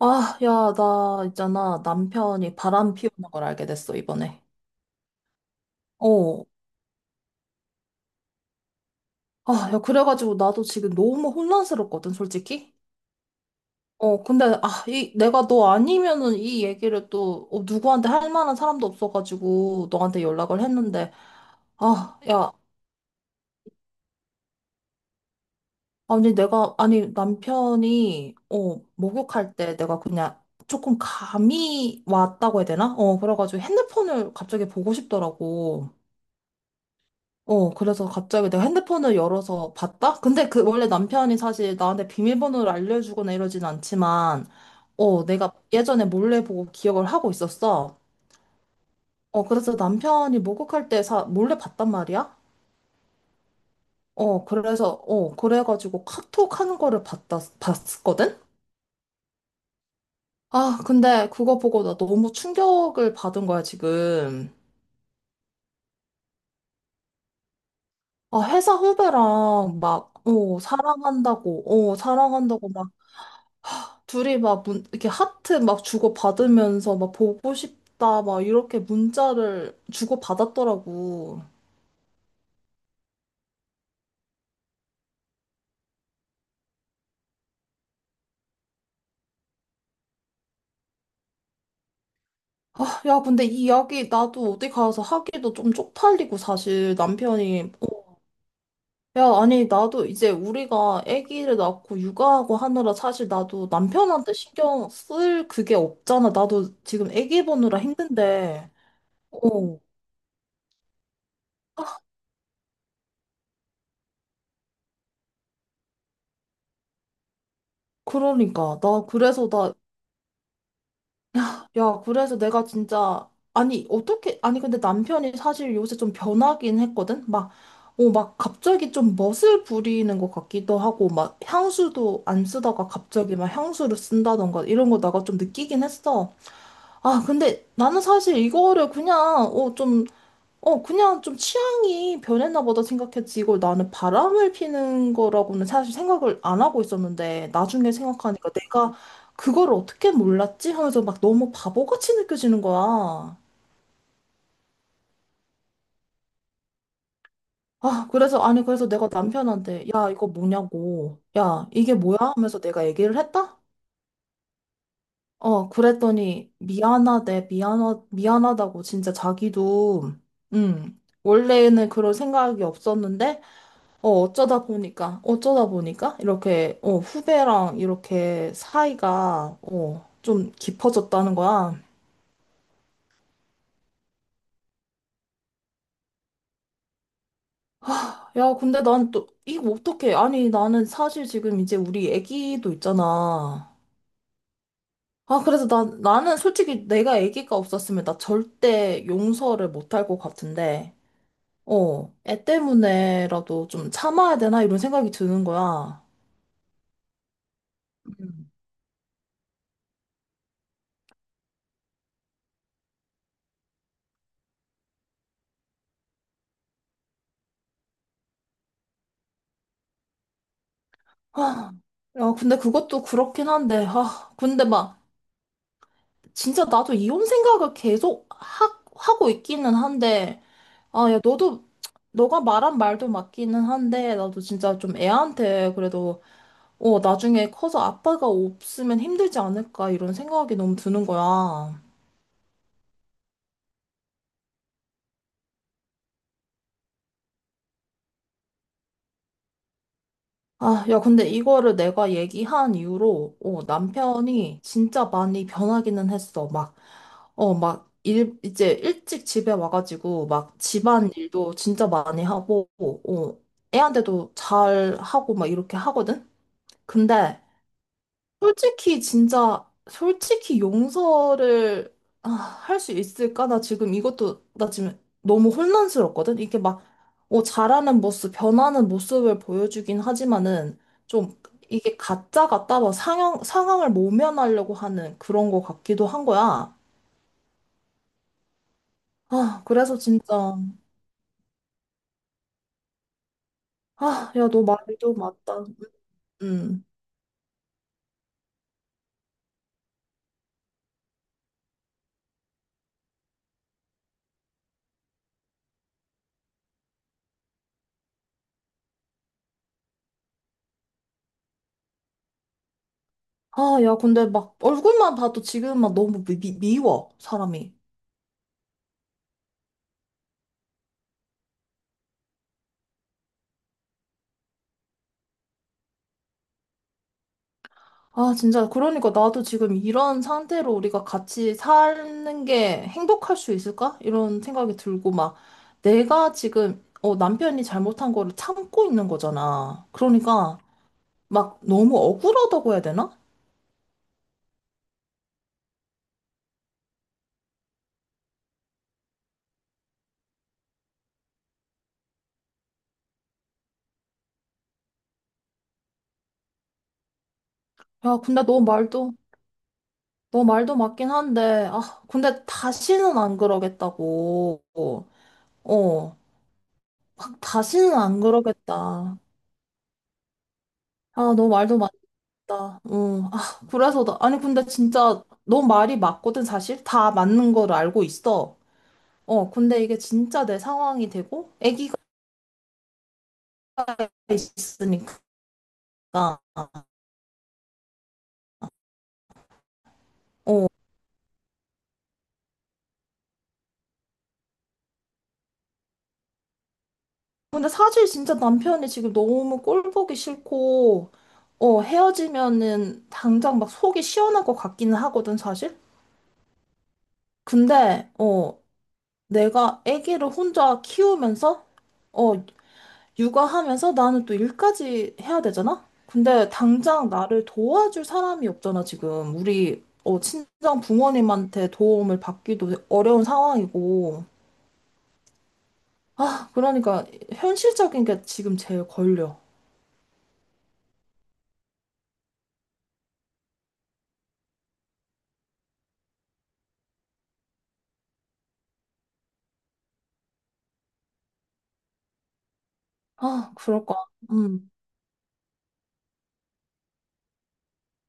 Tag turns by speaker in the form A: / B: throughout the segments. A: 아, 야, 나 있잖아. 남편이 바람 피우는 걸 알게 됐어, 이번에. 어. 아, 야, 그래가지고 나도 지금 너무 혼란스럽거든, 솔직히. 근데, 아, 이, 내가 너 아니면은 이 얘기를 또, 누구한테 할 만한 사람도 없어가지고 너한테 연락을 했는데, 아, 야, 아니, 내가, 아니, 남편이, 목욕할 때 내가 그냥 조금 감이 왔다고 해야 되나? 그래가지고 핸드폰을 갑자기 보고 싶더라고. 그래서 갑자기 내가 핸드폰을 열어서 봤다? 근데 그 원래 남편이 사실 나한테 비밀번호를 알려주거나 이러진 않지만, 내가 예전에 몰래 보고 기억을 하고 있었어. 그래서 남편이 목욕할 때 사, 몰래 봤단 말이야? 그래서, 그래가지고 카톡 하는 거를 봤다, 봤거든? 아, 근데 그거 보고 나 너무 충격을 받은 거야, 지금. 아, 회사 후배랑 막, 사랑한다고, 사랑한다고 둘이 막 문, 이렇게 하트 막 주고받으면서 막 보고 싶다 막 이렇게 문자를 주고받았더라고. 아, 야, 근데 이 이야기 나도 어디 가서 하기도 좀 쪽팔리고 사실 남편이 어, 야, 아니 나도 이제 우리가 아기를 낳고 육아하고 하느라 사실 나도 남편한테 신경 쓸 그게 없잖아. 나도 지금 아기 보느라 힘든데. 어. 그러니까 나 그래서 나 야, 그래서 내가 진짜, 아니, 어떻게, 아니, 근데 남편이 사실 요새 좀 변하긴 했거든? 막, 막 갑자기 좀 멋을 부리는 것 같기도 하고, 막 향수도 안 쓰다가 갑자기 막 향수를 쓴다던가 이런 거 내가 좀 느끼긴 했어. 아, 근데 나는 사실 이거를 그냥, 어, 좀 어, 그냥 좀 취향이 변했나 보다 생각했지. 이걸 나는 바람을 피는 거라고는 사실 생각을 안 하고 있었는데, 나중에 생각하니까 내가 그걸 어떻게 몰랐지? 하면서 막 너무 바보같이 느껴지는 거야. 아, 그래서, 아니, 그래서 내가 남편한테, 야, 이거 뭐냐고. 야, 이게 뭐야? 하면서 내가 얘기를 했다? 그랬더니, 미안하대, 미안하, 미안하다고, 진짜 자기도, 원래는 그런 생각이 없었는데, 어쩌다 보니까, 어쩌다 보니까, 이렇게, 후배랑 이렇게 사이가, 좀 깊어졌다는 거야. 야, 근데 난 또, 이거 어떡해. 아니, 나는 사실 지금 이제 우리 애기도 있잖아. 아, 그래서 난, 나는 솔직히 내가 애기가 없었으면 나 절대 용서를 못 할 것 같은데, 애 때문에라도 좀 참아야 되나? 이런 생각이 드는 거야. 음. 아, 야, 근데 그것도 그렇긴 한데, 아, 근데 막, 진짜 나도 이혼 생각을 계속 하, 하고 있기는 한데, 아, 야, 너도, 너가 말한 말도 맞기는 한데, 나도 진짜 좀 애한테 그래도, 나중에 커서 아빠가 없으면 힘들지 않을까, 이런 생각이 너무 드는 거야. 아, 야, 근데 이거를 내가 얘기한 이후로, 남편이 진짜 많이 변하기는 했어. 막, 막, 일, 이제 일찍 집에 와가지고, 막, 집안 일도 진짜 많이 하고, 어, 애한테도 잘 하고, 막, 이렇게 하거든? 근데, 솔직히 진짜 솔직히 용서를 아, 할 수 있을까? 나 지금 이것도 나 지금 너무 혼란스럽거든. 이게 막 잘하는 모습, 변하는 모습을 보여주긴 하지만은 좀 이게 가짜 같다 막 상황을 모면하려고 하는 그런 거 같기도 한 거야. 아, 그래서 진짜 아, 야, 너 말도 맞다. 음. 아, 야, 근데 막 얼굴만 봐도 지금 막 너무 미, 미- 미워, 사람이. 아, 진짜. 그러니까 나도 지금 이런 상태로 우리가 같이 사는 게 행복할 수 있을까? 이런 생각이 들고, 막, 내가 지금, 남편이 잘못한 거를 참고 있는 거잖아. 그러니까, 막, 너무 억울하다고 해야 되나? 야, 근데 너 말도, 너 말도 맞긴 한데, 아, 근데 다시는 안 그러겠다고. 어, 막 다시는 안 그러겠다. 아, 너 말도 맞 나, 어, 아, 그래서 나, 아니, 근데 진짜 너 말이 맞거든, 사실. 다 맞는 걸 알고 있어. 근데 이게 진짜 내 상황이 되고, 아기가 있으니까. 어, 근데 사실 진짜 남편이 지금 너무 꼴 보기 싫고, 헤어지면은 당장 막 속이 시원할 것 같기는 하거든, 사실. 근데, 어, 내가 아기를 혼자 키우면서, 어, 육아하면서 나는 또 일까지 해야 되잖아? 근데 당장 나를 도와줄 사람이 없잖아, 지금. 우리, 친정 부모님한테 도움을 받기도 어려운 상황이고. 아, 그러니까 현실적인 게 지금 제일 걸려. 아, 그럴까? 음,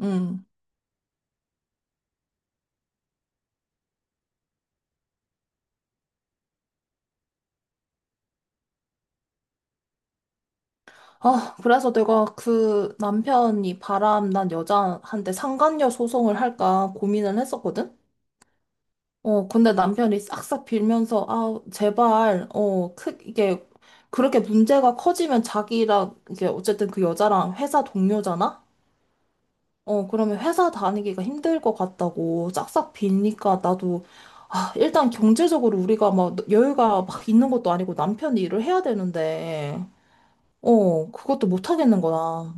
A: 음. 아, 그래서 내가 그 남편이 바람난 여자한테 상간녀 소송을 할까 고민을 했었거든? 근데 남편이 싹싹 빌면서, 아, 제발, 어, 크, 이게, 그렇게 문제가 커지면 자기랑, 이게, 어쨌든 그 여자랑 회사 동료잖아? 그러면 회사 다니기가 힘들 것 같다고 싹싹 빌니까 나도, 아, 일단 경제적으로 우리가 막 여유가 막 있는 것도 아니고 남편이 일을 해야 되는데, 그것도 못 하겠는 거야.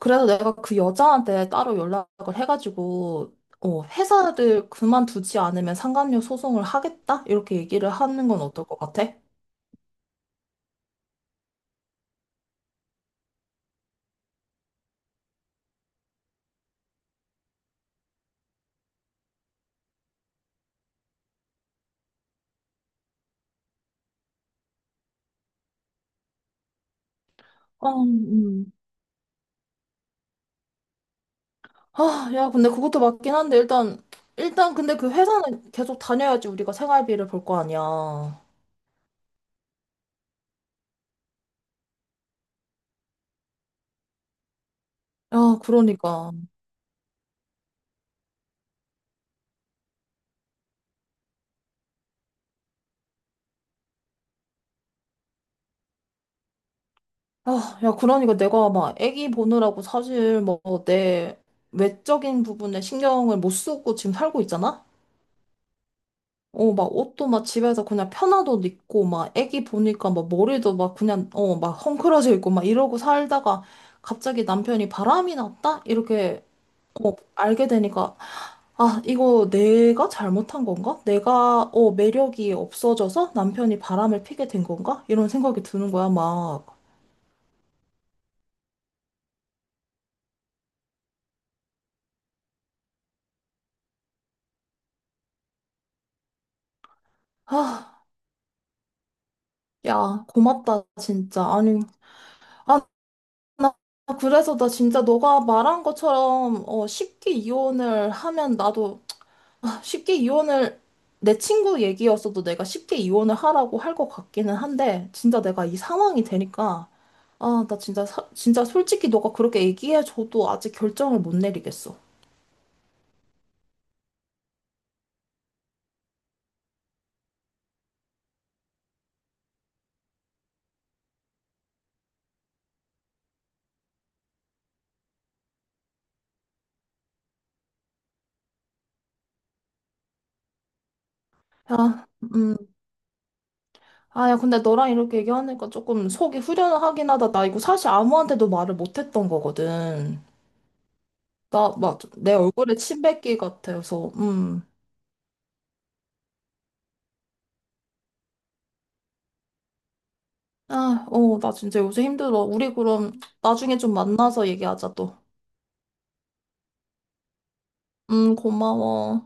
A: 그래서 내가 그 여자한테 따로 연락을 해가지고, 회사를 그만두지 않으면 상감료 소송을 하겠다? 이렇게 얘기를 하는 건 어떨 것 같아? 어, 아, 야, 근데 그것도 맞긴 한데, 일단, 일단, 근데 그 회사는 계속 다녀야지 우리가 생활비를 벌 거 아니야. 야, 그러니까. 아, 야, 그러니까 내가 막 애기 보느라고 사실 뭐 내 외적인 부분에 신경을 못 쓰고 지금 살고 있잖아? 막 옷도 막 집에서 그냥 편한 옷 입고, 막 애기 보니까 막 머리도 막 그냥, 막 헝클어져 있고, 막 이러고 살다가 갑자기 남편이 바람이 났다? 이렇게 알게 되니까, 아, 이거 내가 잘못한 건가? 내가, 매력이 없어져서 남편이 바람을 피게 된 건가? 이런 생각이 드는 거야, 막. 아, 야, 고맙다, 진짜. 아니, 아, 나 그래서 나 진짜 너가 말한 것처럼, 쉽게 이혼을 하면 나도 아, 쉽게 이혼을 내 친구 얘기였어도 내가 쉽게 이혼을 하라고 할 것 같기는 한데 진짜 내가 이 상황이 되니까 아, 나 진짜 사- 진짜 솔직히 너가 그렇게 얘기해줘도 아직 결정을 못 내리겠어. 야, 음, 아, 야, 근데 너랑 이렇게 얘기하니까 조금 속이 후련하긴 하다. 나 이거 사실 아무한테도 말을 못했던 거거든. 나 막 내 얼굴에 침 뱉기 같아서, 아, 어, 나 진짜 요새 힘들어. 우리 그럼 나중에 좀 만나서 얘기하자 또. 고마워.